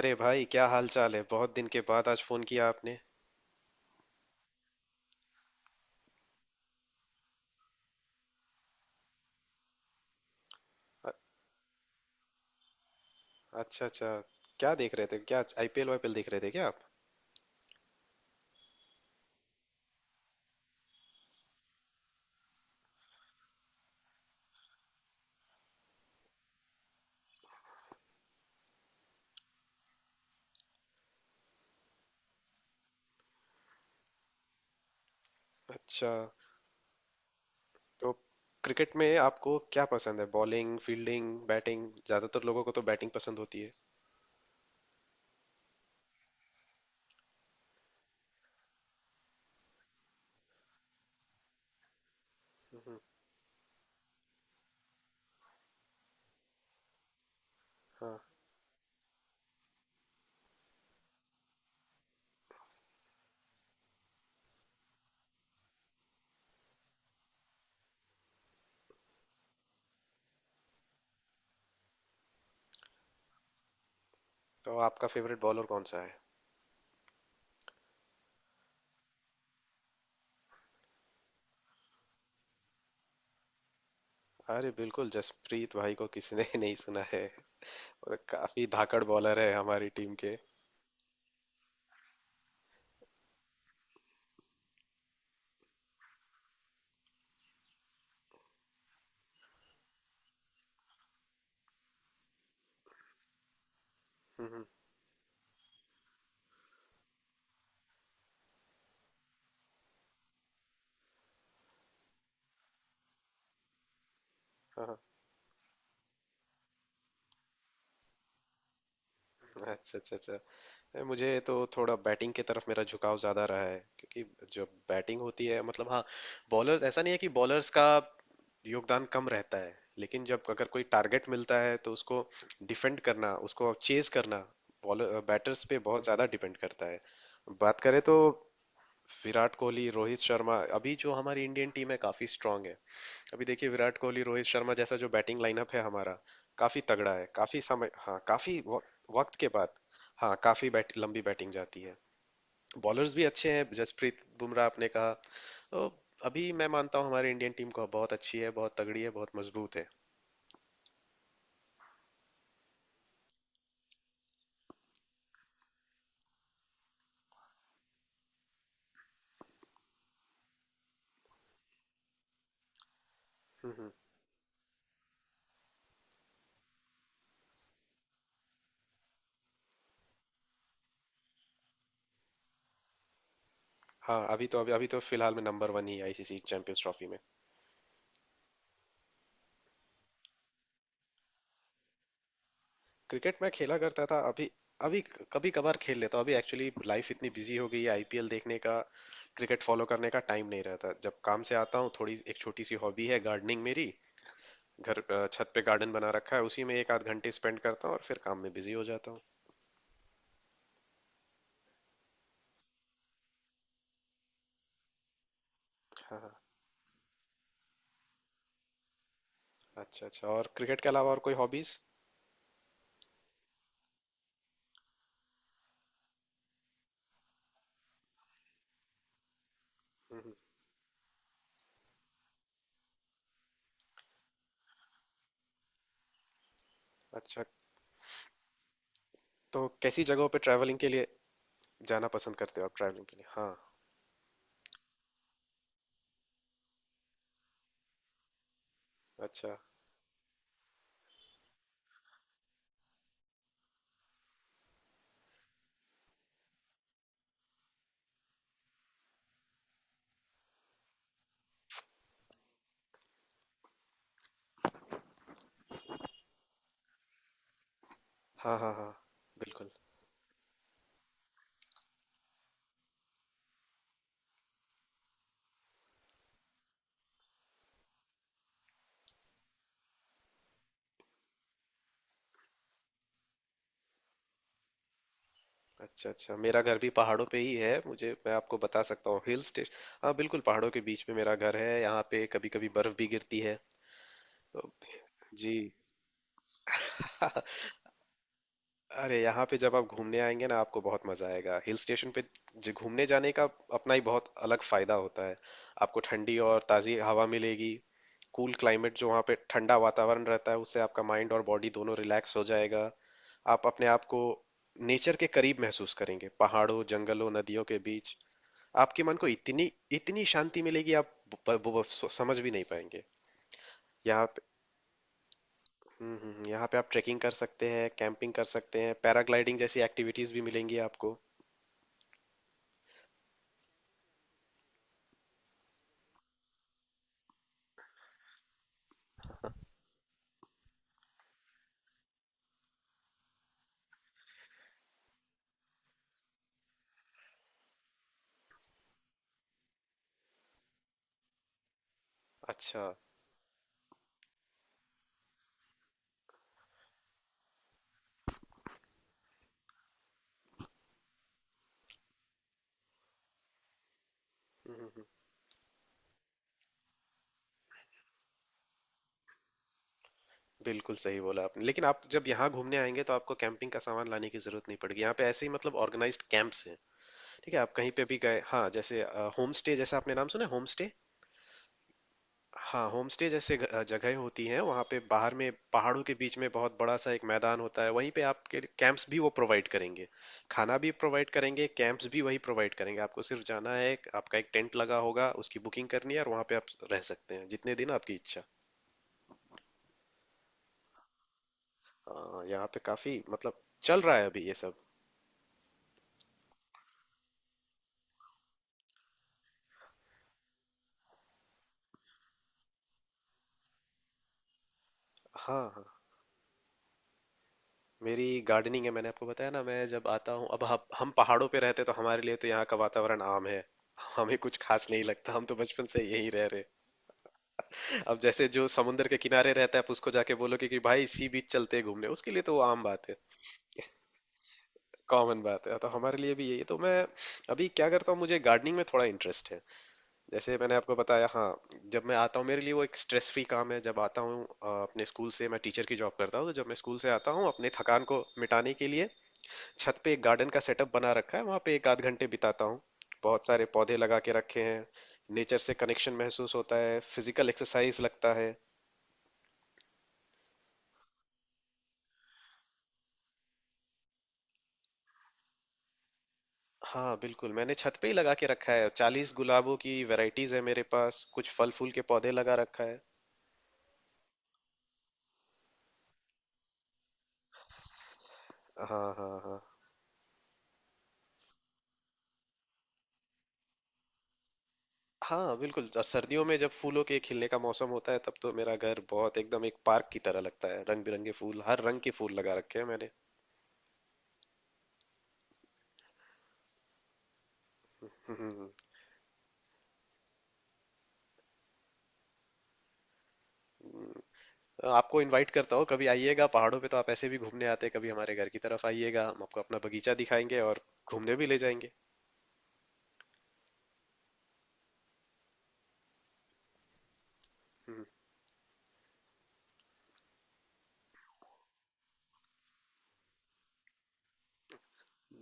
अरे भाई, क्या हाल चाल है? बहुत दिन के बाद आज फोन किया आपने। अ- अच्छा अच्छा। क्या देख रहे थे? क्या आईपीएल वाईपीएल देख रहे थे क्या आप? अच्छा, तो क्रिकेट में आपको क्या पसंद है? Bowling, fielding, batting? ज्यादातर लोगों को तो बैटिंग पसंद होती है। हम्म। हाँ, तो आपका फेवरेट बॉलर कौन सा है? अरे बिल्कुल! जसप्रीत भाई को किसी ने नहीं सुना है। और काफी धाकड़ बॉलर है हमारी टीम के। हम्म। हाँ। अच्छा अच्छा अच्छा है, मुझे तो थोड़ा बैटिंग की तरफ मेरा झुकाव ज्यादा रहा है, क्योंकि जो बैटिंग होती है, मतलब, हाँ। बॉलर्स, ऐसा नहीं है कि बॉलर्स का योगदान कम रहता है, लेकिन जब अगर कोई टारगेट मिलता है तो उसको डिफेंड करना, उसको चेज करना, बॉलर बैटर्स पे बहुत ज्यादा डिपेंड करता है। बात करें तो विराट कोहली, रोहित शर्मा, अभी जो हमारी इंडियन टीम है काफी स्ट्रांग है। अभी देखिए, विराट कोहली, रोहित शर्मा जैसा जो बैटिंग लाइनअप है हमारा काफी तगड़ा है। काफी समय, हाँ, काफी वक्त के बाद, हाँ, काफी लंबी बैटिंग जाती है। बॉलर्स भी अच्छे हैं, जसप्रीत बुमराह आपने कहा। तो अभी मैं मानता हूँ हमारी इंडियन टीम को, बहुत अच्छी है, बहुत तगड़ी है, बहुत मजबूत है। हम्म। हम्म। हाँ, अभी तो फिलहाल में नंबर वन ही है आईसीसी चैंपियंस ट्रॉफी में। क्रिकेट मैं खेला करता था। अभी, अभी कभी कभार खेल लेता हूँ। अभी एक्चुअली लाइफ इतनी बिजी हो गई है, आईपीएल देखने का, क्रिकेट फॉलो करने का टाइम नहीं रहता। जब काम से आता हूँ, थोड़ी एक छोटी सी हॉबी है गार्डनिंग मेरी, घर छत पे गार्डन बना रखा है, उसी में एक आध घंटे स्पेंड करता हूँ और फिर काम में बिजी हो जाता हूँ। हाँ हाँ। अच्छा अच्छा, और क्रिकेट के अलावा और कोई हॉबीज? हम्म। अच्छा, तो कैसी जगहों पे ट्रैवलिंग के लिए जाना पसंद करते हो आप, ट्रैवलिंग के लिए? हाँ। अच्छा। हाँ हाँ हाँ। बिल्कुल। अच्छा अच्छा, मेरा घर भी पहाड़ों पे ही है, मुझे, मैं आपको बता सकता हूँ, हिल स्टेशन। हाँ बिल्कुल, पहाड़ों के बीच में मेरा घर है। यहाँ पे कभी कभी बर्फ भी गिरती है तो। जी। अरे, यहाँ पे जब आप घूमने आएंगे ना, आपको बहुत मजा आएगा। हिल स्टेशन पे जो घूमने जाने का अपना ही बहुत अलग फायदा होता है। आपको ठंडी और ताजी हवा मिलेगी। कूल क्लाइमेट, जो वहाँ पे ठंडा वातावरण रहता है उससे आपका माइंड और बॉडी दोनों रिलैक्स हो जाएगा। आप अपने आप को नेचर के करीब महसूस करेंगे, पहाड़ों, जंगलों, नदियों के बीच। आपके मन को इतनी इतनी शांति मिलेगी, आप समझ भी नहीं पाएंगे। यहाँ पे। हम्म। हम्म। यहाँ पे आप ट्रेकिंग कर सकते हैं, कैंपिंग कर सकते हैं, पैराग्लाइडिंग जैसी एक्टिविटीज भी मिलेंगी आपको। अच्छा। हम्म। हम्म। बिल्कुल सही बोला आपने, लेकिन आप जब यहाँ घूमने आएंगे तो आपको कैंपिंग का सामान लाने की जरूरत नहीं पड़ेगी। यहाँ पे ऐसे ही, मतलब, ऑर्गेनाइज्ड कैंप्स हैं। ठीक है। आप कहीं पे भी गए, हाँ, जैसे होम स्टे, जैसा आपने नाम सुना है, होम स्टे? हाँ, होम स्टे जैसे जगहें होती हैं, वहाँ पे बाहर में पहाड़ों के बीच में बहुत बड़ा सा एक मैदान होता है, वहीं पे आपके कैंप्स भी वो प्रोवाइड करेंगे। खाना भी प्रोवाइड करेंगे, कैंप्स भी वही प्रोवाइड करेंगे, आपको सिर्फ जाना है। आपका एक टेंट लगा होगा, उसकी बुकिंग करनी है और वहाँ पे आप रह सकते हैं जितने दिन आपकी इच्छा। हाँ, यहाँ पे काफी, मतलब, चल रहा है अभी ये सब। हाँ हाँ, मेरी गार्डनिंग है, मैंने आपको बताया ना। मैं जब आता हूँ अब, हम पहाड़ों पे रहते तो हमारे लिए तो यहाँ का वातावरण आम है। हमें कुछ खास नहीं लगता, हम तो बचपन से यही रह रहे हैं। अब जैसे जो समुंदर के किनारे रहता है, आप उसको जाके बोलोगे कि भाई सी बीच चलते हैं घूमने, उसके लिए तो वो आम बात है, कॉमन बात है। तो हमारे लिए भी यही है। तो मैं अभी क्या करता हूँ, मुझे गार्डनिंग में थोड़ा इंटरेस्ट है, जैसे मैंने आपको बताया हाँ। जब मैं आता हूँ, मेरे लिए वो एक स्ट्रेस फ्री काम है। जब आता हूँ अपने स्कूल से, मैं टीचर की जॉब करता हूँ, तो जब मैं स्कूल से आता हूँ, अपने थकान को मिटाने के लिए छत पे एक गार्डन का सेटअप बना रखा है, वहाँ पे एक आध घंटे बिताता हूँ। बहुत सारे पौधे लगा के रखे हैं। नेचर से कनेक्शन महसूस होता है, फिजिकल एक्सरसाइज लगता है। हाँ बिल्कुल, मैंने छत पे ही लगा के रखा है, 40 गुलाबों की वैरायटीज है मेरे पास, कुछ फल फूल के पौधे लगा रखा है। हाँ हाँ हाँ हाँ बिल्कुल, और सर्दियों में जब फूलों के खिलने का मौसम होता है, तब तो मेरा घर बहुत एकदम एक पार्क की तरह लगता है। रंग बिरंगे फूल, हर रंग के फूल लगा रखे हैं मैंने। हम्म। हम्म। हम्म। हम्म। हाँ, आपको इनवाइट करता हूँ, कभी आइएगा पहाड़ों पे, तो आप ऐसे भी घूमने आते हैं, कभी हमारे घर की तरफ आइएगा, हम आपको अपना बगीचा दिखाएंगे और घूमने भी ले जाएंगे। हम्म।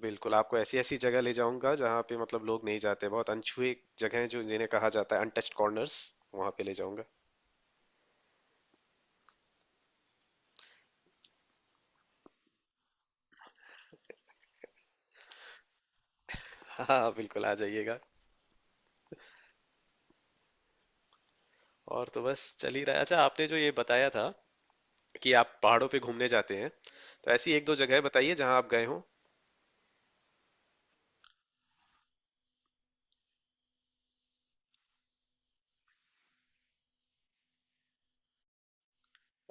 बिल्कुल, आपको ऐसी ऐसी जगह ले जाऊंगा जहाँ पे, मतलब, लोग नहीं जाते, बहुत अनछुए जगह हैं, जो जिन्हें कहा जाता है अनटच्ड कॉर्नर्स, वहां पे ले जाऊंगा। हाँ बिल्कुल, आ जाइएगा। और तो बस चल ही रहा है। अच्छा, आपने जो ये बताया था कि आप पहाड़ों पे घूमने जाते हैं, तो ऐसी एक दो जगह बताइए जहाँ आप गए हो।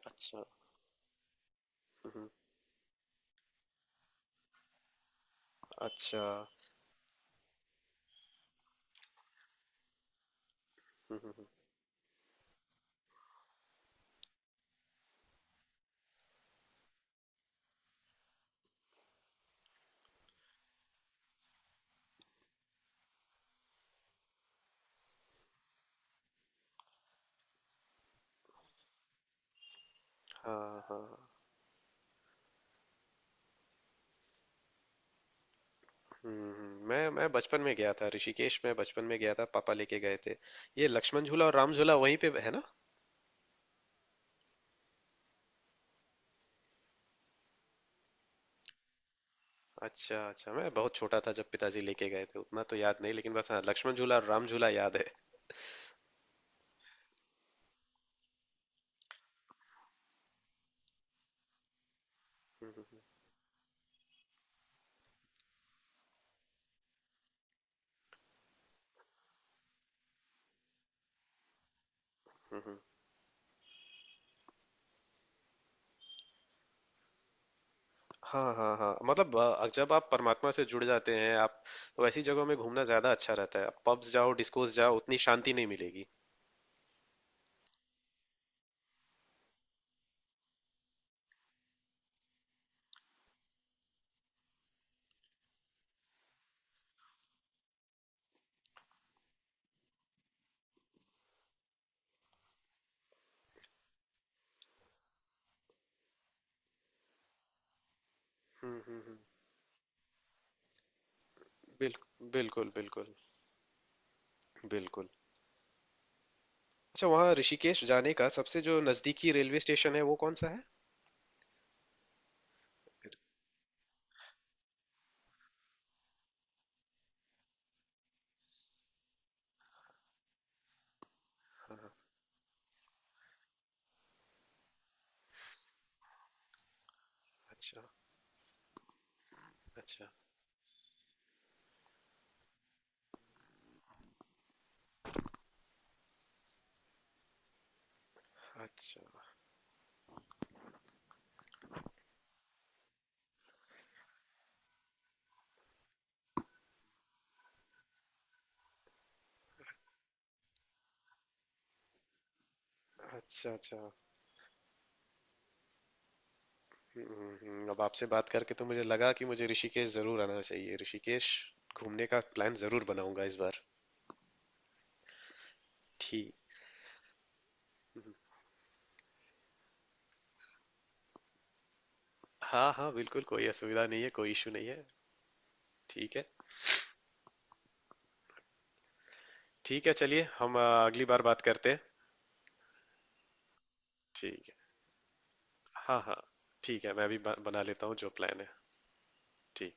अच्छा। हम्म। अच्छा। हम्म। हम्म। हाँ हाँ। हम्म। हम्म। मैं बचपन में गया था ऋषिकेश में, बचपन में गया था, पापा लेके गए थे। ये लक्ष्मण झूला और राम झूला वहीं पे है ना? अच्छा अच्छा। मैं बहुत छोटा था जब पिताजी लेके गए थे, उतना तो याद नहीं, लेकिन बस हाँ, लक्ष्मण झूला और राम झूला याद है। हम्म। हम्म। हम्म। हम्म। हाँ हाँ हाँ, मतलब जब आप परमात्मा से जुड़ जाते हैं आप, तो ऐसी जगहों में घूमना ज्यादा अच्छा रहता है। पब्स जाओ, डिस्कोस जाओ, उतनी शांति नहीं मिलेगी। हम्म। हम्म। हम्म। बिल्कुल बिल्कुल बिल्कुल बिल्कुल। अच्छा, वहाँ ऋषिकेश जाने का सबसे जो नजदीकी रेलवे स्टेशन है वो कौन सा है? हाँ। हाँ। अच्छा अच्छा अच्छा अच्छा अच्छा। हम्म। हम्म। अब आपसे बात करके तो मुझे लगा कि मुझे ऋषिकेश जरूर आना चाहिए, ऋषिकेश घूमने का प्लान जरूर बनाऊंगा इस बार। ठीक। हाँ हाँ बिल्कुल, कोई असुविधा नहीं है, कोई इशू नहीं है। ठीक है। ठीक है, चलिए हम अगली बार बात करते हैं। ठीक है। हाँ हाँ। ठीक है, मैं भी बना लेता हूँ जो प्लान है। ठीक।